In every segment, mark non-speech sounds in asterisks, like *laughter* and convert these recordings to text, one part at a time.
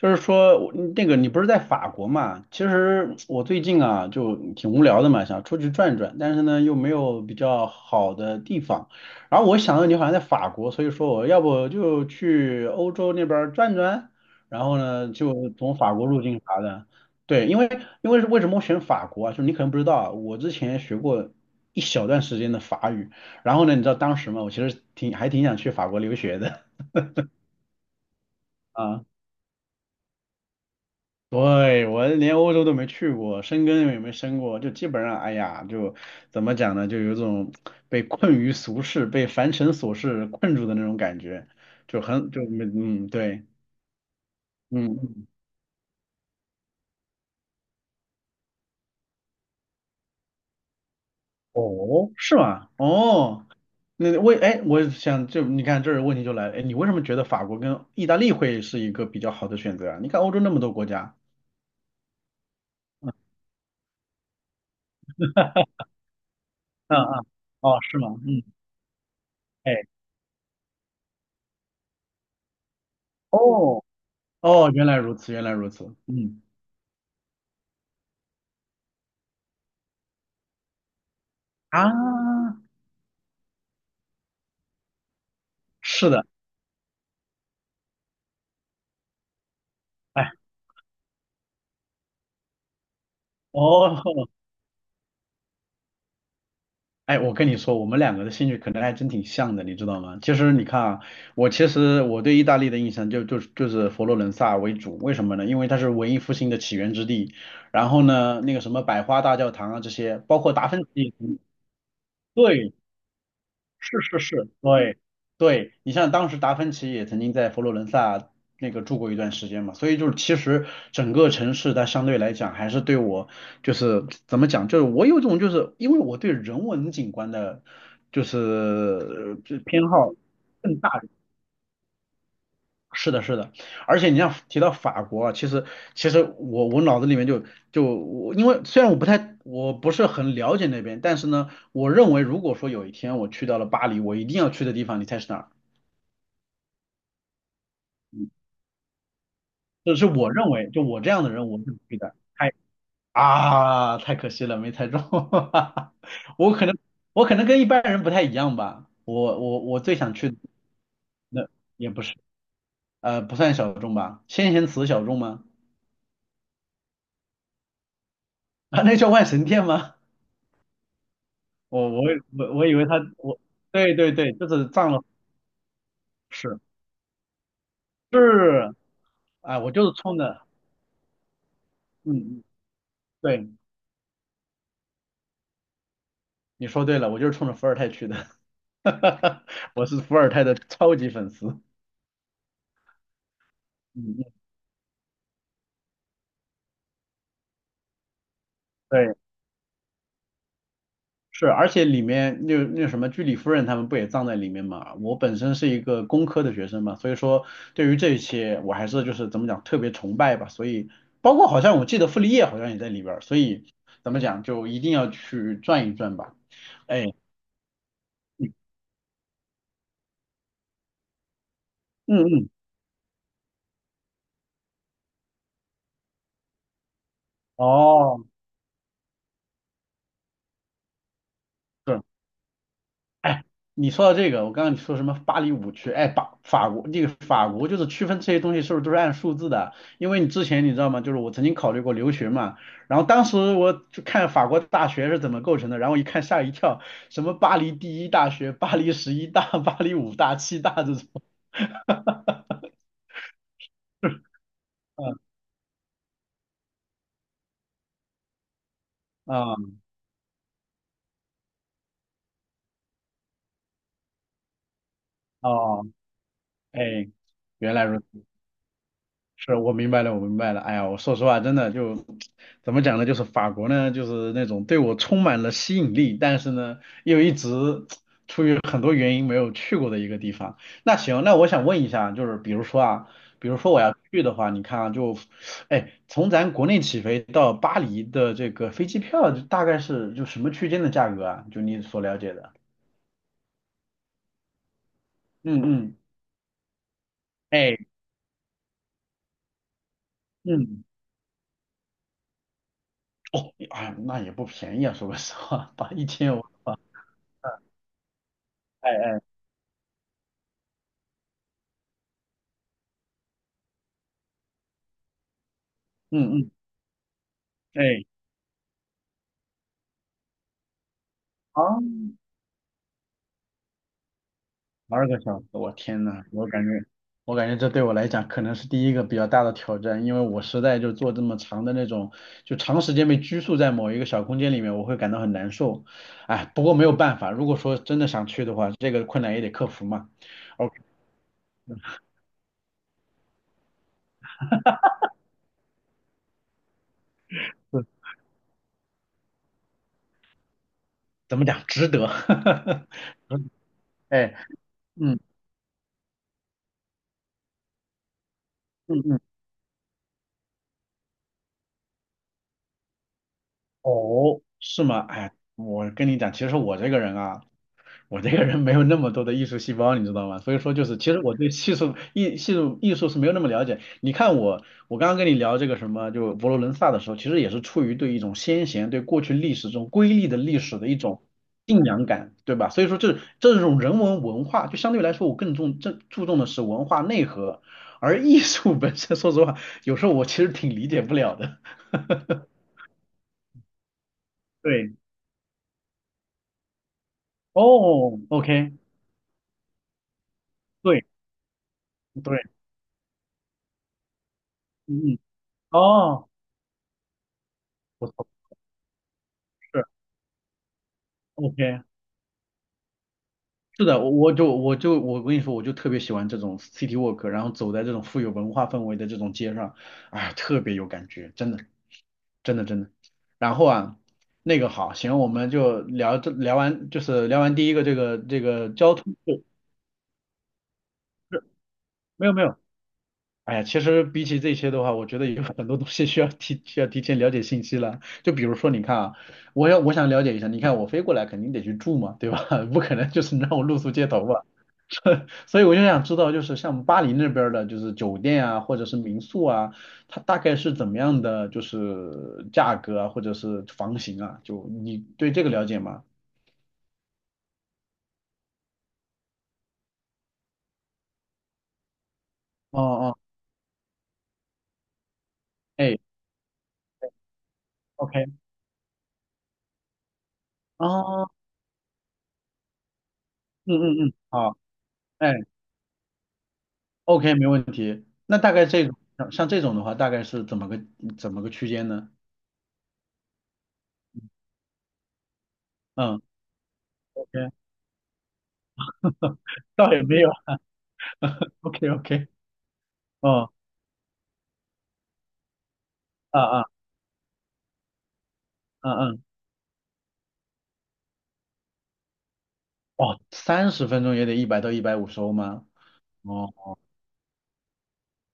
就是说，那个你不是在法国嘛？其实我最近啊就挺无聊的嘛，想出去转转，但是呢又没有比较好的地方。然后我想到你好像在法国，所以说我要不就去欧洲那边儿转转，然后呢就从法国入境啥的。对，因为是为什么我选法国啊？就是你可能不知道啊，我之前学过一小段时间的法语，然后呢，你知道当时嘛，我其实挺想去法国留学的 *laughs* 啊。对，我连欧洲都没去过，申根也没申过，就基本上，哎呀，就怎么讲呢，就有种被困于俗世、被凡尘琐事困住的那种感觉，就很就没嗯对，嗯嗯。哦，是吗？哦，哎，我想就你看这儿问题就来了，哎，你为什么觉得法国跟意大利会是一个比较好的选择啊？你看欧洲那么多国家，嗯嗯，哦，是吗？嗯，哎，哦哦，原来如此，原来如此，嗯啊，是的。哎，哦，哎，我跟你说，我们两个的兴趣可能还真挺像的，你知道吗？其实你看啊，我其实我对意大利的印象就是佛罗伦萨为主，为什么呢？因为它是文艺复兴的起源之地，然后呢，那个什么百花大教堂啊这些，包括达芬奇，对，是是是，对对，你像当时达芬奇也曾经在佛罗伦萨那个住过一段时间嘛，所以就是其实整个城市它相对来讲还是对我就是怎么讲，就是我有种就是因为我对人文景观的，就是就偏好。是的，是的，而且你像提到法国啊，其实我脑子里面就我，因为虽然我不太我不是很了解那边，但是呢，我认为如果说有一天我去到了巴黎，我一定要去的地方，你猜是哪儿？这是我认为，就我这样的人，我是不去的。啊，太可惜了，没猜中。*laughs* 我可能我可能跟一般人不太一样吧，我最想去的。那也不是，不算小众吧，先贤祠小众吗？啊，那叫万神殿吗？我我我以为他。对对对，就是藏了。是是，啊，我就是冲着嗯嗯，对，你说对了，我就是冲着伏尔泰去的。*laughs* 哈哈，我是伏尔泰的超级粉丝，嗯嗯，对，是，而且里面那什么居里夫人他们不也葬在里面嘛？我本身是一个工科的学生嘛，所以说对于这些我还是就是怎么讲特别崇拜吧，所以包括好像我记得傅立叶好像也在里边儿，所以怎么讲就一定要去转一转吧，哎。嗯嗯，哦，是，哎，你说到这个，我刚刚你说什么巴黎五区？哎，法国就是区分这些东西是不是都是按数字的？因为你之前你知道吗？就是我曾经考虑过留学嘛，然后当时我就看法国大学是怎么构成的，然后一看吓一跳，什么巴黎第一大学、巴黎十一大、*laughs* 巴黎五大、七大这种。*laughs* 嗯嗯，哦，哎，原来如此。是，我明白了，我明白了。哎呀，我说实话，真的就怎么讲呢？就是法国呢，就是那种对我充满了吸引力，但是呢，又一直出于很多原因没有去过的一个地方。那行，那我想问一下，就是比如说啊，比如说我要去的话，你看啊，哎，从咱国内起飞到巴黎的这个飞机票，就大概是就什么区间的价格啊？就你所了解的？嗯嗯，哎，嗯，哦，哎，那也不便宜啊，说个实话，把1500，哎哎，嗯嗯。哎，啊，12个小时，我天呐，我感觉，我感觉这对我来讲可能是第一个比较大的挑战，因为我实在就做这么长的那种，就长时间被拘束在某一个小空间里面，我会感到很难受。哎，不过没有办法，如果说真的想去的话，这个困难也得克服嘛。OK,是，怎么讲，值得。*laughs* 哈哈，哎，嗯嗯嗯，哦，是吗？哎，我跟你讲，其实我这个人啊。我这个人没有那么多的艺术细胞，你知道吗？所以说就是，其实我对艺术艺系术艺术是没有那么了解。你看我，我刚刚跟你聊这个什么，就佛罗伦萨的时候，其实也是出于对一种先贤、对过去历史这种瑰丽的历史的一种敬仰感，对吧？所以说这种人文文化，就相对来说我更重这注重的是文化内核，而艺术本身，说实话，有时候我其实挺理解不了的。对，哦，OK,对对，嗯，嗯，哦，不错，是， OK。是的，我跟你说，我就特别喜欢这种 city walk,然后走在这种富有文化氛围的这种街上，哎，特别有感觉，真的，真的真的。然后啊，那个好，行，我们就聊完，就是聊完第一个这个交通，不是没有没有，哎呀，其实比起这些的话，我觉得有很多东西需要提前了解信息了。就比如说，你看啊，我想了解一下，你看我飞过来肯定得去住嘛，对吧？*laughs* 不可能就是让我露宿街头吧。*laughs* 所以我就想知道，就是像巴黎那边儿的，就是酒店啊，或者是民宿啊，它大概是怎么样的，就是价格啊，或者是房型啊，就你对这个了解吗？哦哦，哎，OK,哦，嗯嗯嗯，好，哎，OK,没问题。那大概这种像这种的话，大概是怎么个区间呢？嗯，OK,*laughs* 倒也没有 *laughs*，OK OK,哦，啊啊，嗯嗯，哦，30分钟也得100到150欧吗？哦，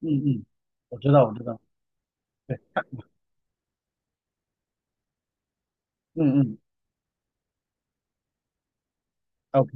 嗯嗯，我知道，我知道，对，嗯嗯。OK,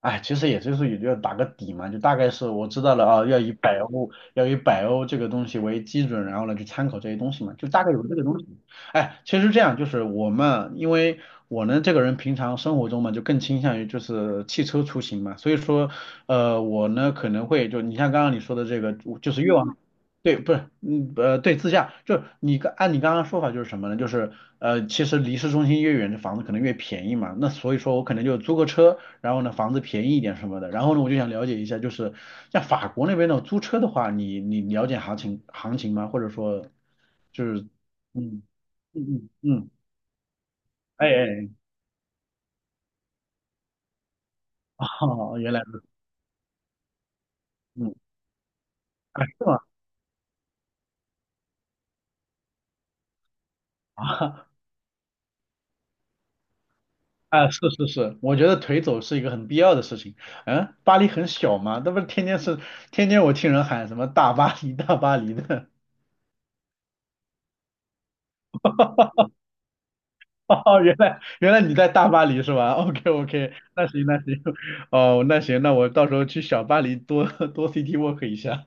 哎，其实也就打个底嘛，就大概是我知道了啊，要以百欧这个东西为基准，然后呢去参考这些东西嘛，就大概有这个东西。哎，其实这样就是我们，因为我呢这个人平常生活中嘛，就更倾向于就是汽车出行嘛，所以说我呢可能会就你像刚刚你说的这个，就是越往对，不是，嗯，对，自驾，就是你你刚刚说法就是什么呢？就是其实离市中心越远的房子可能越便宜嘛，那所以说我可能就租个车，然后呢，房子便宜一点什么的。然后呢，我就想了解一下，就是像法国那边的租车的话，你了解行情吗？或者说，就是，嗯嗯嗯嗯，哎哎，哎哦，原来如此，嗯，啊是吗？啊啊，是是是，我觉得腿走是一个很必要的事情。嗯，巴黎很小嘛，那不是天天是天天我听人喊什么大巴黎大巴黎的。*laughs* 哦，原来原来你在大巴黎是吧？OK OK,那行那行，哦，那行，那我到时候去小巴黎多多 city walk 一下。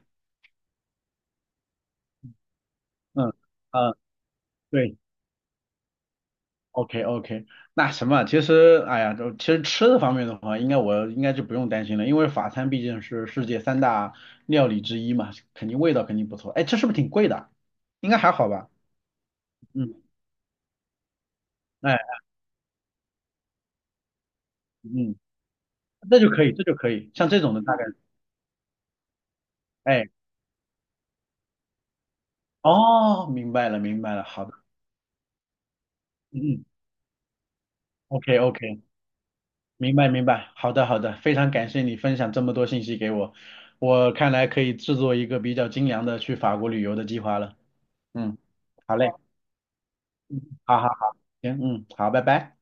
嗯嗯，对，OK OK,那什么，其实哎呀，就其实吃的方面的话，我应该就不用担心了，因为法餐毕竟是世界三大料理之一嘛，肯定味道肯定不错。哎，这是不是挺贵的？应该还好吧？嗯，哎，嗯，那就可以，这就可以，像这种的大概，哎，哦，明白了明白了，好的，嗯嗯，OK OK。明白明白，好的好的，非常感谢你分享这么多信息给我，我看来可以制作一个比较精良的去法国旅游的计划了。嗯，好嘞，好好，行，嗯，好，拜拜。